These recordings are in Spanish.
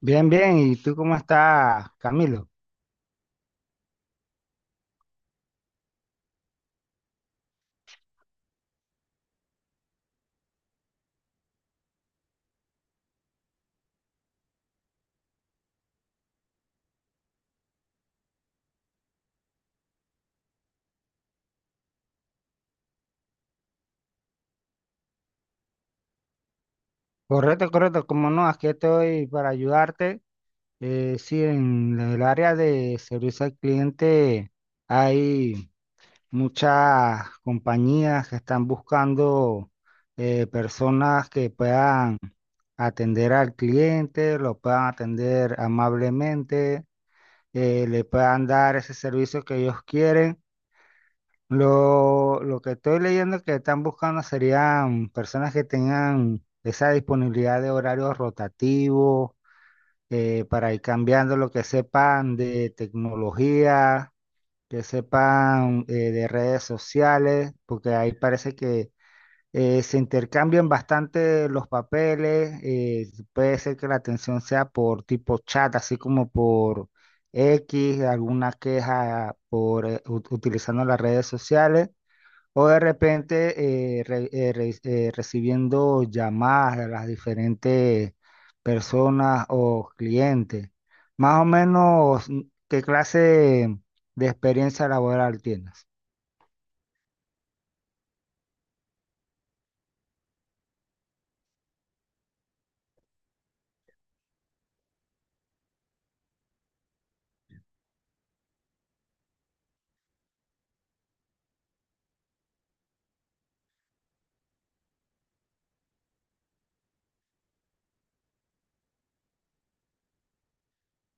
Bien, bien. ¿Y tú cómo estás, Camilo? Correcto, correcto. Como no, aquí estoy para ayudarte. Sí, en el área de servicio al cliente hay muchas compañías que están buscando personas que puedan atender al cliente, lo puedan atender amablemente, le puedan dar ese servicio que ellos quieren. Lo que estoy leyendo que están buscando serían personas que tengan esa disponibilidad de horarios rotativos para ir cambiando lo que sepan de tecnología, que sepan de redes sociales, porque ahí parece que se intercambian bastante los papeles. Puede ser que la atención sea por tipo chat, así como por X, alguna queja por utilizando las redes sociales. O de repente recibiendo llamadas de las diferentes personas o clientes. Más o menos, ¿qué clase de experiencia laboral tienes?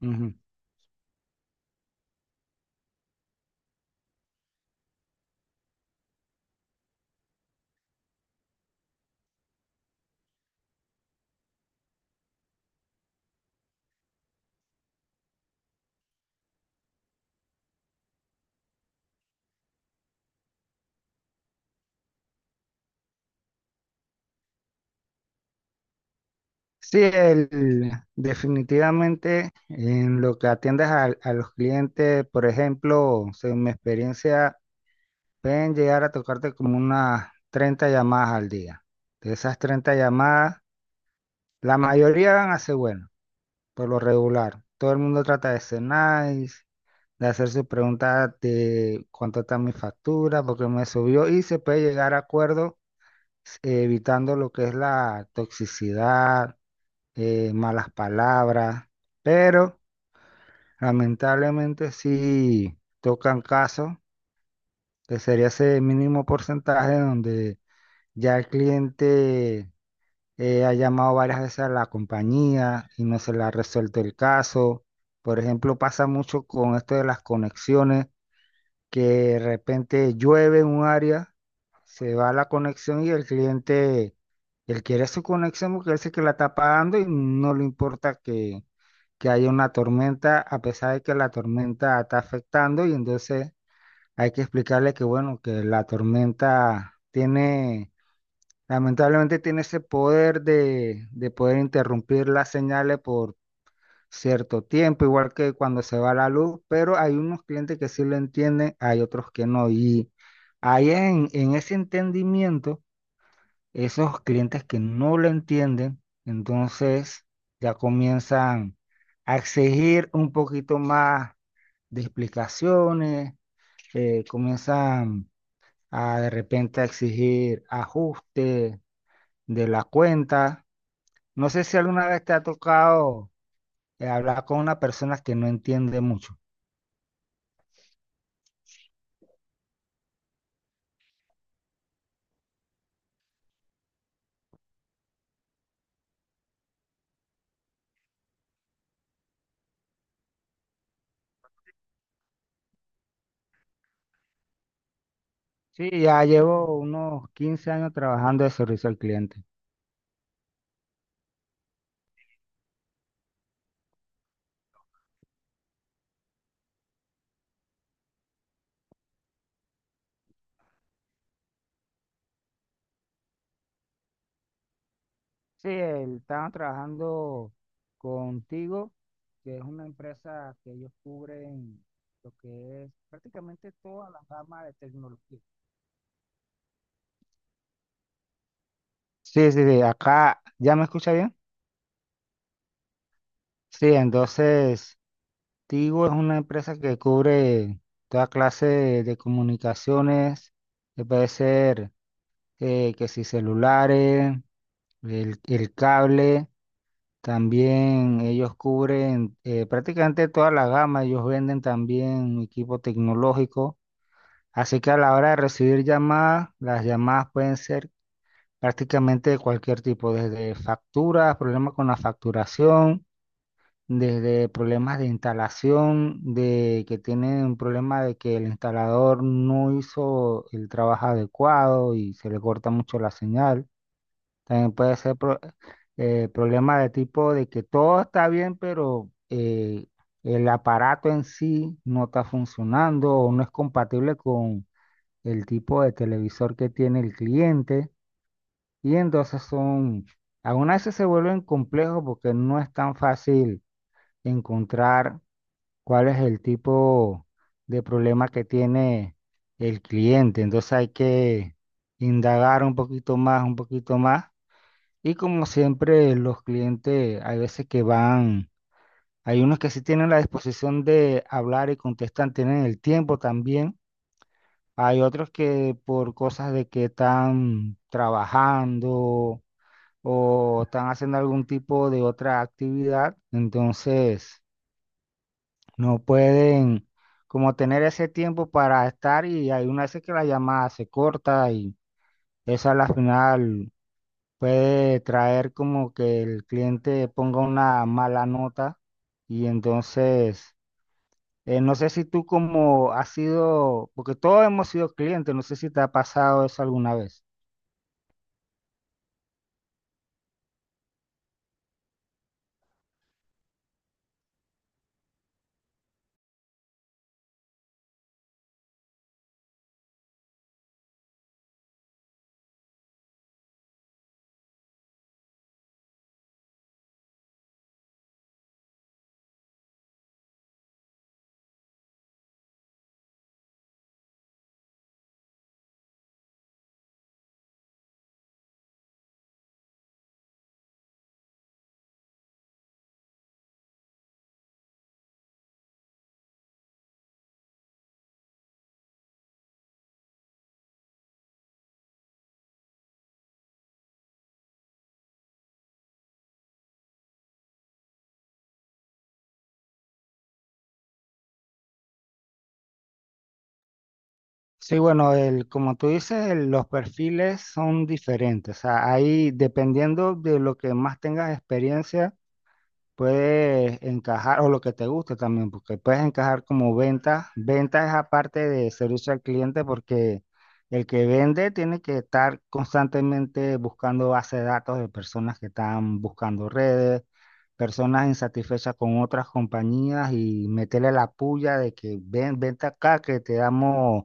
Ujú. Sí, el- Definitivamente en lo que atiendes a los clientes, por ejemplo, según mi experiencia, pueden llegar a tocarte como unas 30 llamadas al día. De esas 30 llamadas, la mayoría van a ser buenas, por lo regular. Todo el mundo trata de ser nice, de hacer sus preguntas de cuánto está mi factura, porque me subió, y se puede llegar a acuerdos, evitando lo que es la toxicidad, malas palabras, pero lamentablemente sí tocan casos, que sería ese mínimo porcentaje donde ya el cliente ha llamado varias veces a la compañía y no se le ha resuelto el caso. Por ejemplo, pasa mucho con esto de las conexiones, que de repente llueve en un área, se va la conexión y el cliente, él quiere su conexión porque él sé que la está pagando y no le importa que haya una tormenta, a pesar de que la tormenta está afectando, y entonces hay que explicarle que, bueno, que la tormenta tiene, lamentablemente tiene ese poder de poder interrumpir las señales por cierto tiempo, igual que cuando se va la luz, pero hay unos clientes que sí lo entienden, hay otros que no. Y ahí en ese entendimiento, esos clientes que no lo entienden, entonces ya comienzan a exigir un poquito más de explicaciones, comienzan a de repente a exigir ajustes de la cuenta. No sé si alguna vez te ha tocado hablar con una persona que no entiende mucho. Sí, ya llevo unos 15 años trabajando de servicio al cliente. Estaba trabajando contigo, que es una empresa que ellos cubren lo que es prácticamente toda la gama de tecnología. Sí, sí, sí, acá, ¿ya me escucha bien? Sí, entonces, Tigo es una empresa que cubre toda clase de comunicaciones, que puede ser que si celulares, el cable, también ellos cubren prácticamente toda la gama, ellos venden también equipo tecnológico, así que a la hora de recibir llamadas, las llamadas pueden ser prácticamente de cualquier tipo, desde facturas, problemas con la facturación, desde problemas de instalación, de que tienen un problema de que el instalador no hizo el trabajo adecuado y se le corta mucho la señal. También puede ser problema de tipo de que todo está bien, pero el aparato en sí no está funcionando o no es compatible con el tipo de televisor que tiene el cliente. Y aún así se vuelven complejos porque no es tan fácil encontrar cuál es el tipo de problema que tiene el cliente. Entonces hay que indagar un poquito más, un poquito más, y como siempre, los clientes hay veces que van, hay unos que sí tienen la disposición de hablar y contestan, tienen el tiempo también. Hay otros que por cosas de que están trabajando o están haciendo algún tipo de otra actividad, entonces no pueden como tener ese tiempo para estar, y hay una veces que la llamada se corta y esa es la final, puede traer como que el cliente ponga una mala nota. Y entonces, no sé si tú como has sido, porque todos hemos sido clientes, no sé si te ha pasado eso alguna vez. Sí, bueno, como tú dices, los perfiles son diferentes, o sea, ahí dependiendo de lo que más tengas experiencia. Puedes encajar, o lo que te guste también, porque puedes encajar como venta. Venta es aparte de servicio al cliente, porque el que vende tiene que estar constantemente buscando base de datos de personas que están buscando redes, personas insatisfechas con otras compañías y meterle la puya de que vente acá, que te damos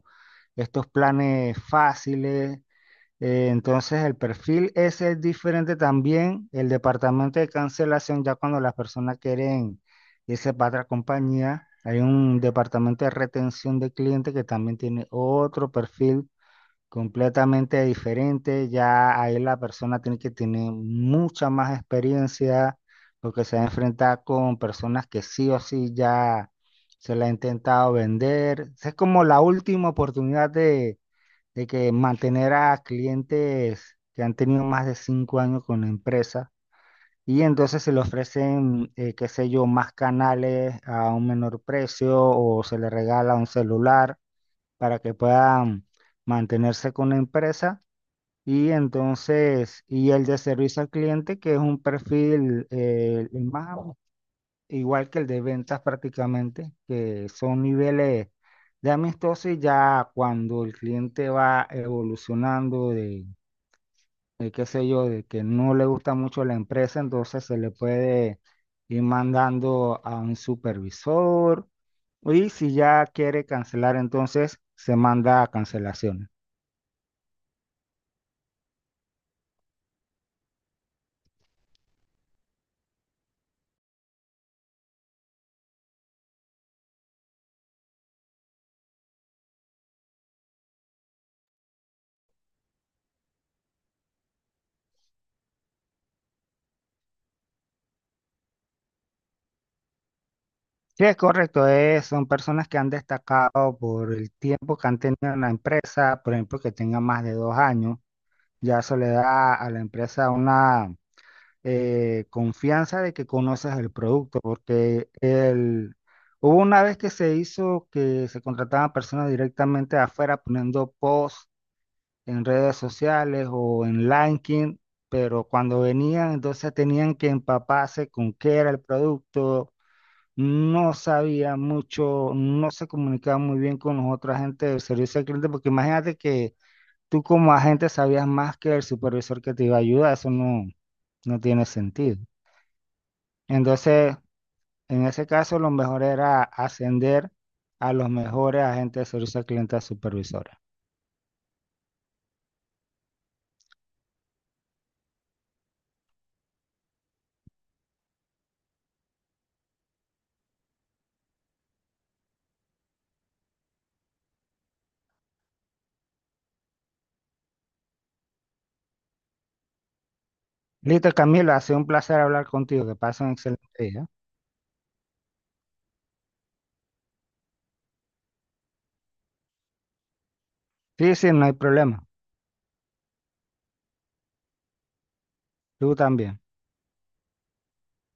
estos planes fáciles. Entonces el perfil ese es diferente también. El departamento de cancelación, ya cuando las personas quieren irse para otra compañía, hay un departamento de retención de clientes que también tiene otro perfil completamente diferente. Ya ahí la persona tiene que tener mucha más experiencia porque se va a enfrentar con personas que sí o sí ya se la ha intentado vender. Esa es como la última oportunidad de que mantener a clientes que han tenido más de 5 años con la empresa, y entonces se le ofrecen, qué sé yo, más canales a un menor precio, o se le regala un celular para que puedan mantenerse con la empresa. Y entonces, y el de servicio al cliente, que es un perfil el más igual que el de ventas prácticamente, que son niveles de amistoso, y ya cuando el cliente va evolucionando de qué sé yo, de que no le gusta mucho la empresa, entonces se le puede ir mandando a un supervisor, y si ya quiere cancelar, entonces se manda a cancelaciones. Sí, es correcto, son personas que han destacado por el tiempo que han tenido en la empresa, por ejemplo, que tengan más de 2 años. Ya eso le da a la empresa una confianza de que conoces el producto, porque el, hubo una vez que se hizo que se contrataban personas directamente de afuera poniendo posts en redes sociales o en LinkedIn, pero cuando venían entonces tenían que empaparse con qué era el producto, no sabía mucho, no se comunicaba muy bien con los otra gente del servicio al cliente, porque imagínate que tú como agente sabías más que el supervisor que te iba a ayudar, eso no, no tiene sentido. Entonces, en ese caso, lo mejor era ascender a los mejores agentes de servicio al cliente a supervisores. Listo, Camila, ha sido un placer hablar contigo, que pasen un excelente día. Sí, sí, no hay problema. Tú también.